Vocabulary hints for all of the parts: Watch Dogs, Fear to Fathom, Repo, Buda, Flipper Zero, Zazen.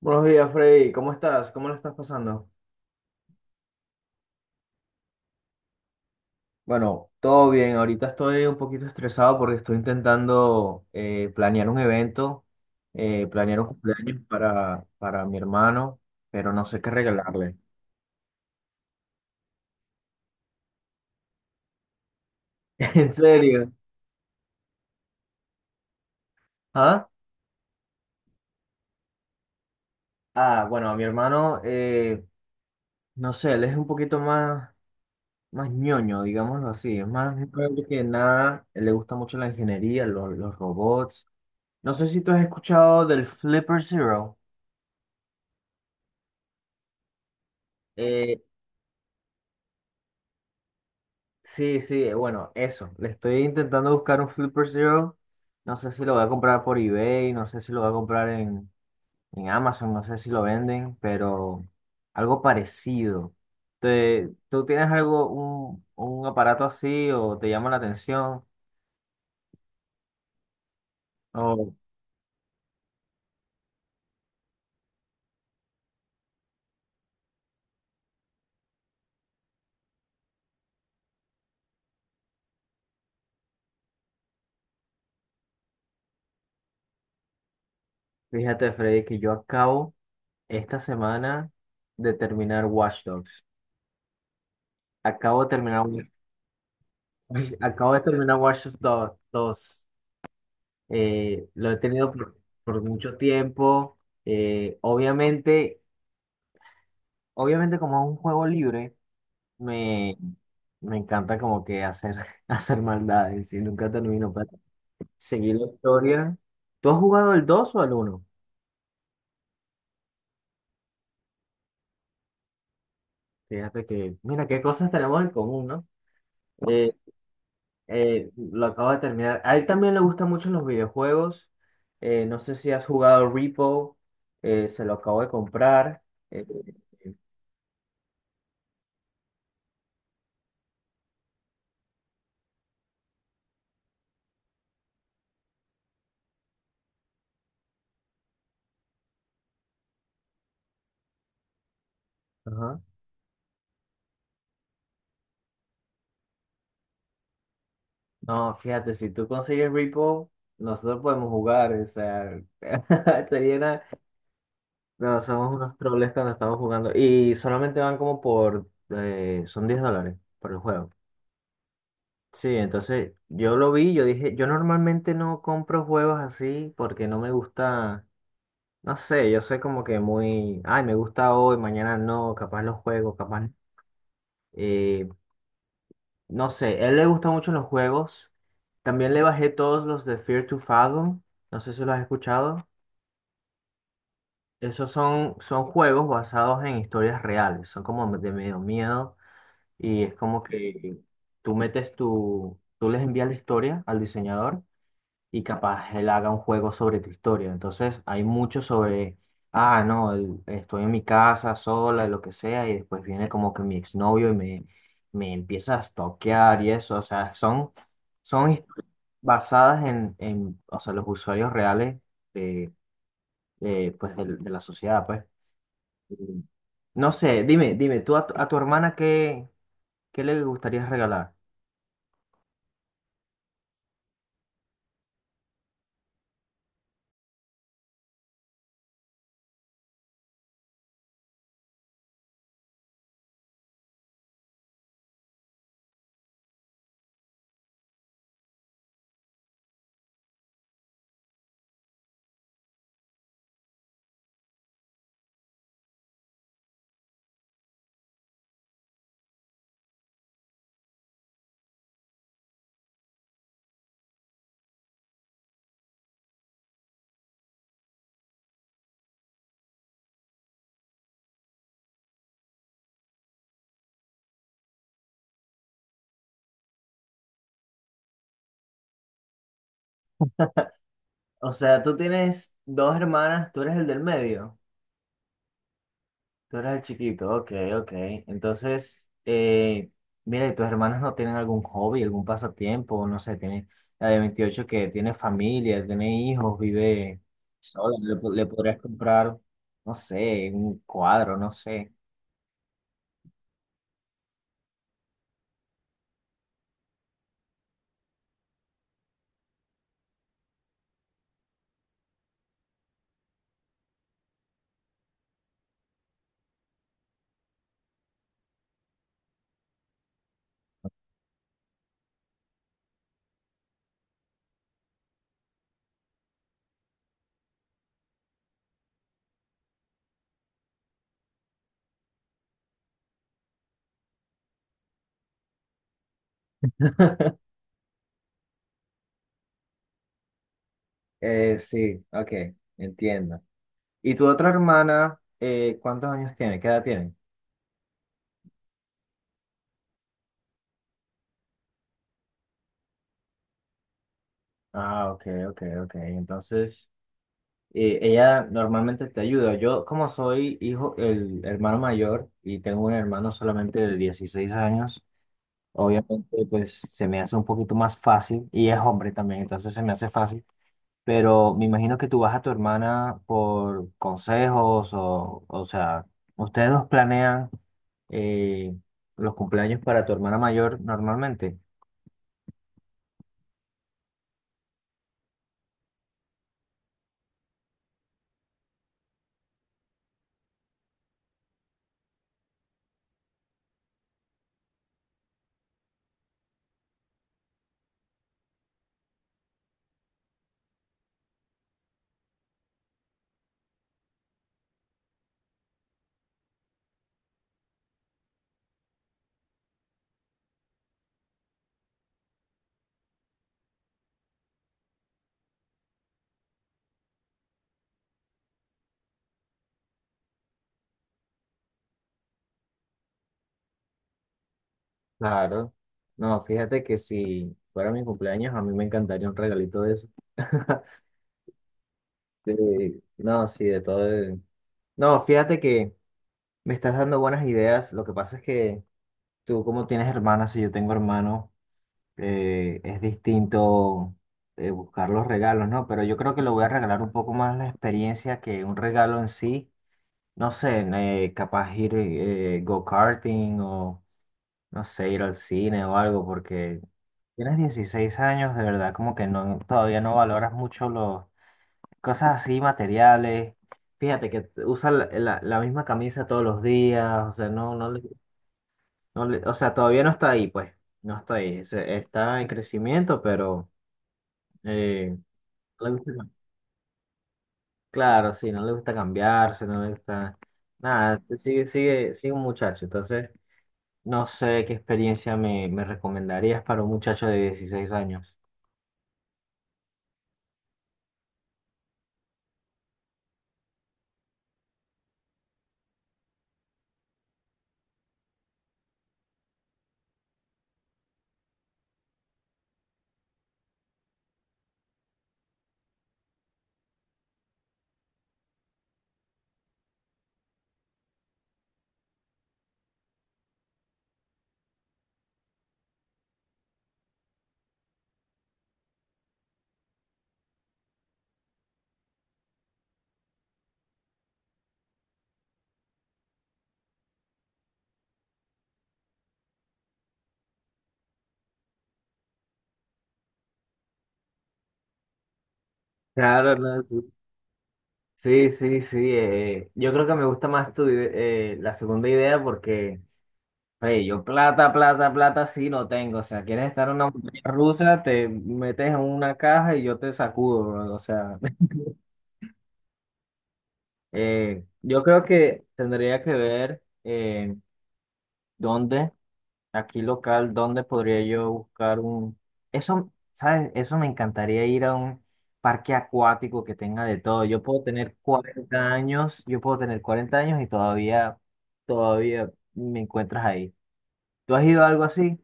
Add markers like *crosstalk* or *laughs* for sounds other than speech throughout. Buenos días, Freddy. ¿Cómo estás? ¿Cómo lo estás pasando? Bueno, todo bien. Ahorita estoy un poquito estresado porque estoy intentando planear un evento, planear un cumpleaños para mi hermano, pero no sé qué regalarle. *laughs* ¿En serio? ¿Ah? Ah, bueno, a mi hermano, no sé, él es un poquito más, más ñoño, digámoslo así. Es más ñoño que nada. Él le gusta mucho la ingeniería, los robots. No sé si tú has escuchado del Flipper Zero. Eh, Sí, sí, bueno, eso. Le estoy intentando buscar un Flipper Zero. No sé si lo voy a comprar por eBay, no sé si lo voy a comprar en Amazon, no sé si lo venden, pero algo parecido. ¿Tú tienes algo, un aparato así o te llama la atención? Oh, fíjate, Freddy, que yo acabo esta semana de terminar Watch Dogs. Acabo de terminar, *laughs* acabo de terminar Watch Dogs dos. Lo he tenido por mucho tiempo. Obviamente, obviamente como es un juego libre, me, me encanta como que hacer, *laughs* hacer maldades y nunca termino para seguir la historia. ¿Tú has jugado el 2 o el uno? Fíjate que, mira, qué cosas tenemos en común, ¿no? Eh, lo acabo de terminar. A él también le gustan mucho los videojuegos. No sé si has jugado Repo, se lo acabo de comprar. eh, ajá. No, fíjate, si tú consigues Repo, nosotros podemos jugar, o sea, *laughs* sería una- no, somos unos troles cuando estamos jugando y solamente van como por, son $10 por el juego. Sí, entonces yo lo vi, yo dije, yo normalmente no compro juegos así porque no me gusta, no sé, yo soy como que muy, ay, me gusta hoy, mañana no, capaz los juego, capaz. No". Eh, No sé, a él le gustan mucho los juegos. También le bajé todos los de Fear to Fathom. No sé si los has escuchado. Esos son, son juegos basados en historias reales. Son como de medio miedo. Y es como que tú metes tú les envías la historia al diseñador y capaz él haga un juego sobre tu historia. Entonces hay mucho sobre, ah, no, estoy en mi casa sola, lo que sea, y después viene como que mi exnovio y me empieza a stalkear y eso. O sea, son, son historias basadas en, o sea, los usuarios reales de, de, pues, de la sociedad, pues. Y no sé, dime, dime, tu a tu hermana qué, ¿qué le gustaría regalar? O sea, tú tienes dos hermanas, tú eres el del medio. Tú eras el chiquito, ok, ok. Entonces, mira, ¿y tus hermanos no tienen algún hobby, algún pasatiempo? No sé, tiene la de 28 que tiene familia, tiene hijos, vive sola, le podrías comprar, no sé, un cuadro, no sé. *laughs* Sí, ok, entiendo. ¿Y tu otra hermana, cuántos años tiene? ¿Qué edad tiene? Ah, ok, ok, ok. Entonces... ella normalmente te ayuda. Yo, como soy hijo, el hermano mayor y tengo un hermano solamente de 16 años, obviamente pues se me hace un poquito más fácil y es hombre también, entonces se me hace fácil. Pero me imagino que tú vas a tu hermana por consejos o sea, ustedes dos planean eh, los cumpleaños para tu hermana mayor normalmente. Claro. No, fíjate que si fuera mi cumpleaños, a mí me encantaría un regalito de eso. *laughs* Sí, no, sí, de todo. No, fíjate que me estás dando buenas ideas. Lo que pasa es que tú, como tienes hermanas y yo tengo hermano, es distinto buscar los regalos, ¿no? Pero yo creo que le voy a regalar un poco más la experiencia que un regalo en sí. No sé, capaz ir go-karting o, no sé, ir al cine o algo, porque tienes 16 años, de verdad, como que no, todavía no valoras mucho los cosas así materiales. Fíjate que usa la misma camisa todos los días, o sea, no, no, no o sea, todavía no está ahí, pues, no está ahí, está en crecimiento, pero eh, no le gusta cam- claro, sí, no le gusta cambiarse, no le gusta nada, sigue, sigue, sigue un muchacho, entonces no sé qué experiencia me recomendarías para un muchacho de 16 años. Claro, no, sí, sí, sí, sí, yo creo que me gusta más la segunda idea porque... Oye, yo plata, plata, plata sí no tengo. O sea, quieres estar en una montaña rusa, te metes en una caja y yo te sacudo, bro. O sea, *laughs* yo creo que tendría que ver dónde, aquí local, dónde podría yo buscar un... Eso, ¿sabes? Eso me encantaría ir a un parque acuático que tenga de todo. Yo puedo tener 40 años, yo puedo tener 40 años y todavía, todavía me encuentras ahí. ¿Tú has ido a algo así?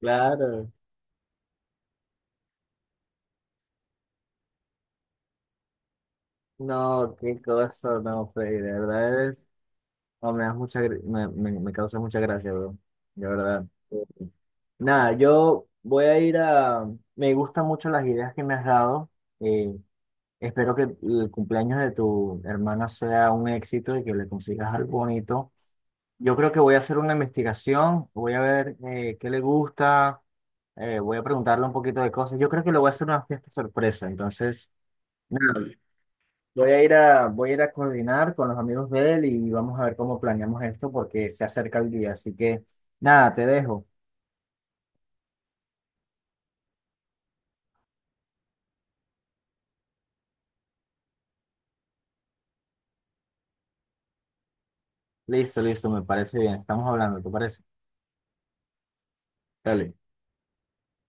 Claro. No, qué cosa, no, Freddy, de verdad eres, no, me das mucha, me causa mucha gracia, bro, de verdad. Nada, yo voy a ir a, me gustan mucho las ideas que me has dado, eh, espero que el cumpleaños de tu hermana sea un éxito y que le consigas algo bonito. Yo creo que voy a hacer una investigación, voy a ver qué le gusta, voy a preguntarle un poquito de cosas. Yo creo que le voy a hacer una fiesta sorpresa, entonces, nada, voy a ir a coordinar con los amigos de él y vamos a ver cómo planeamos esto porque se acerca el día. Así que nada, te dejo. Listo, listo, me parece bien. Estamos hablando, ¿te parece? Dale.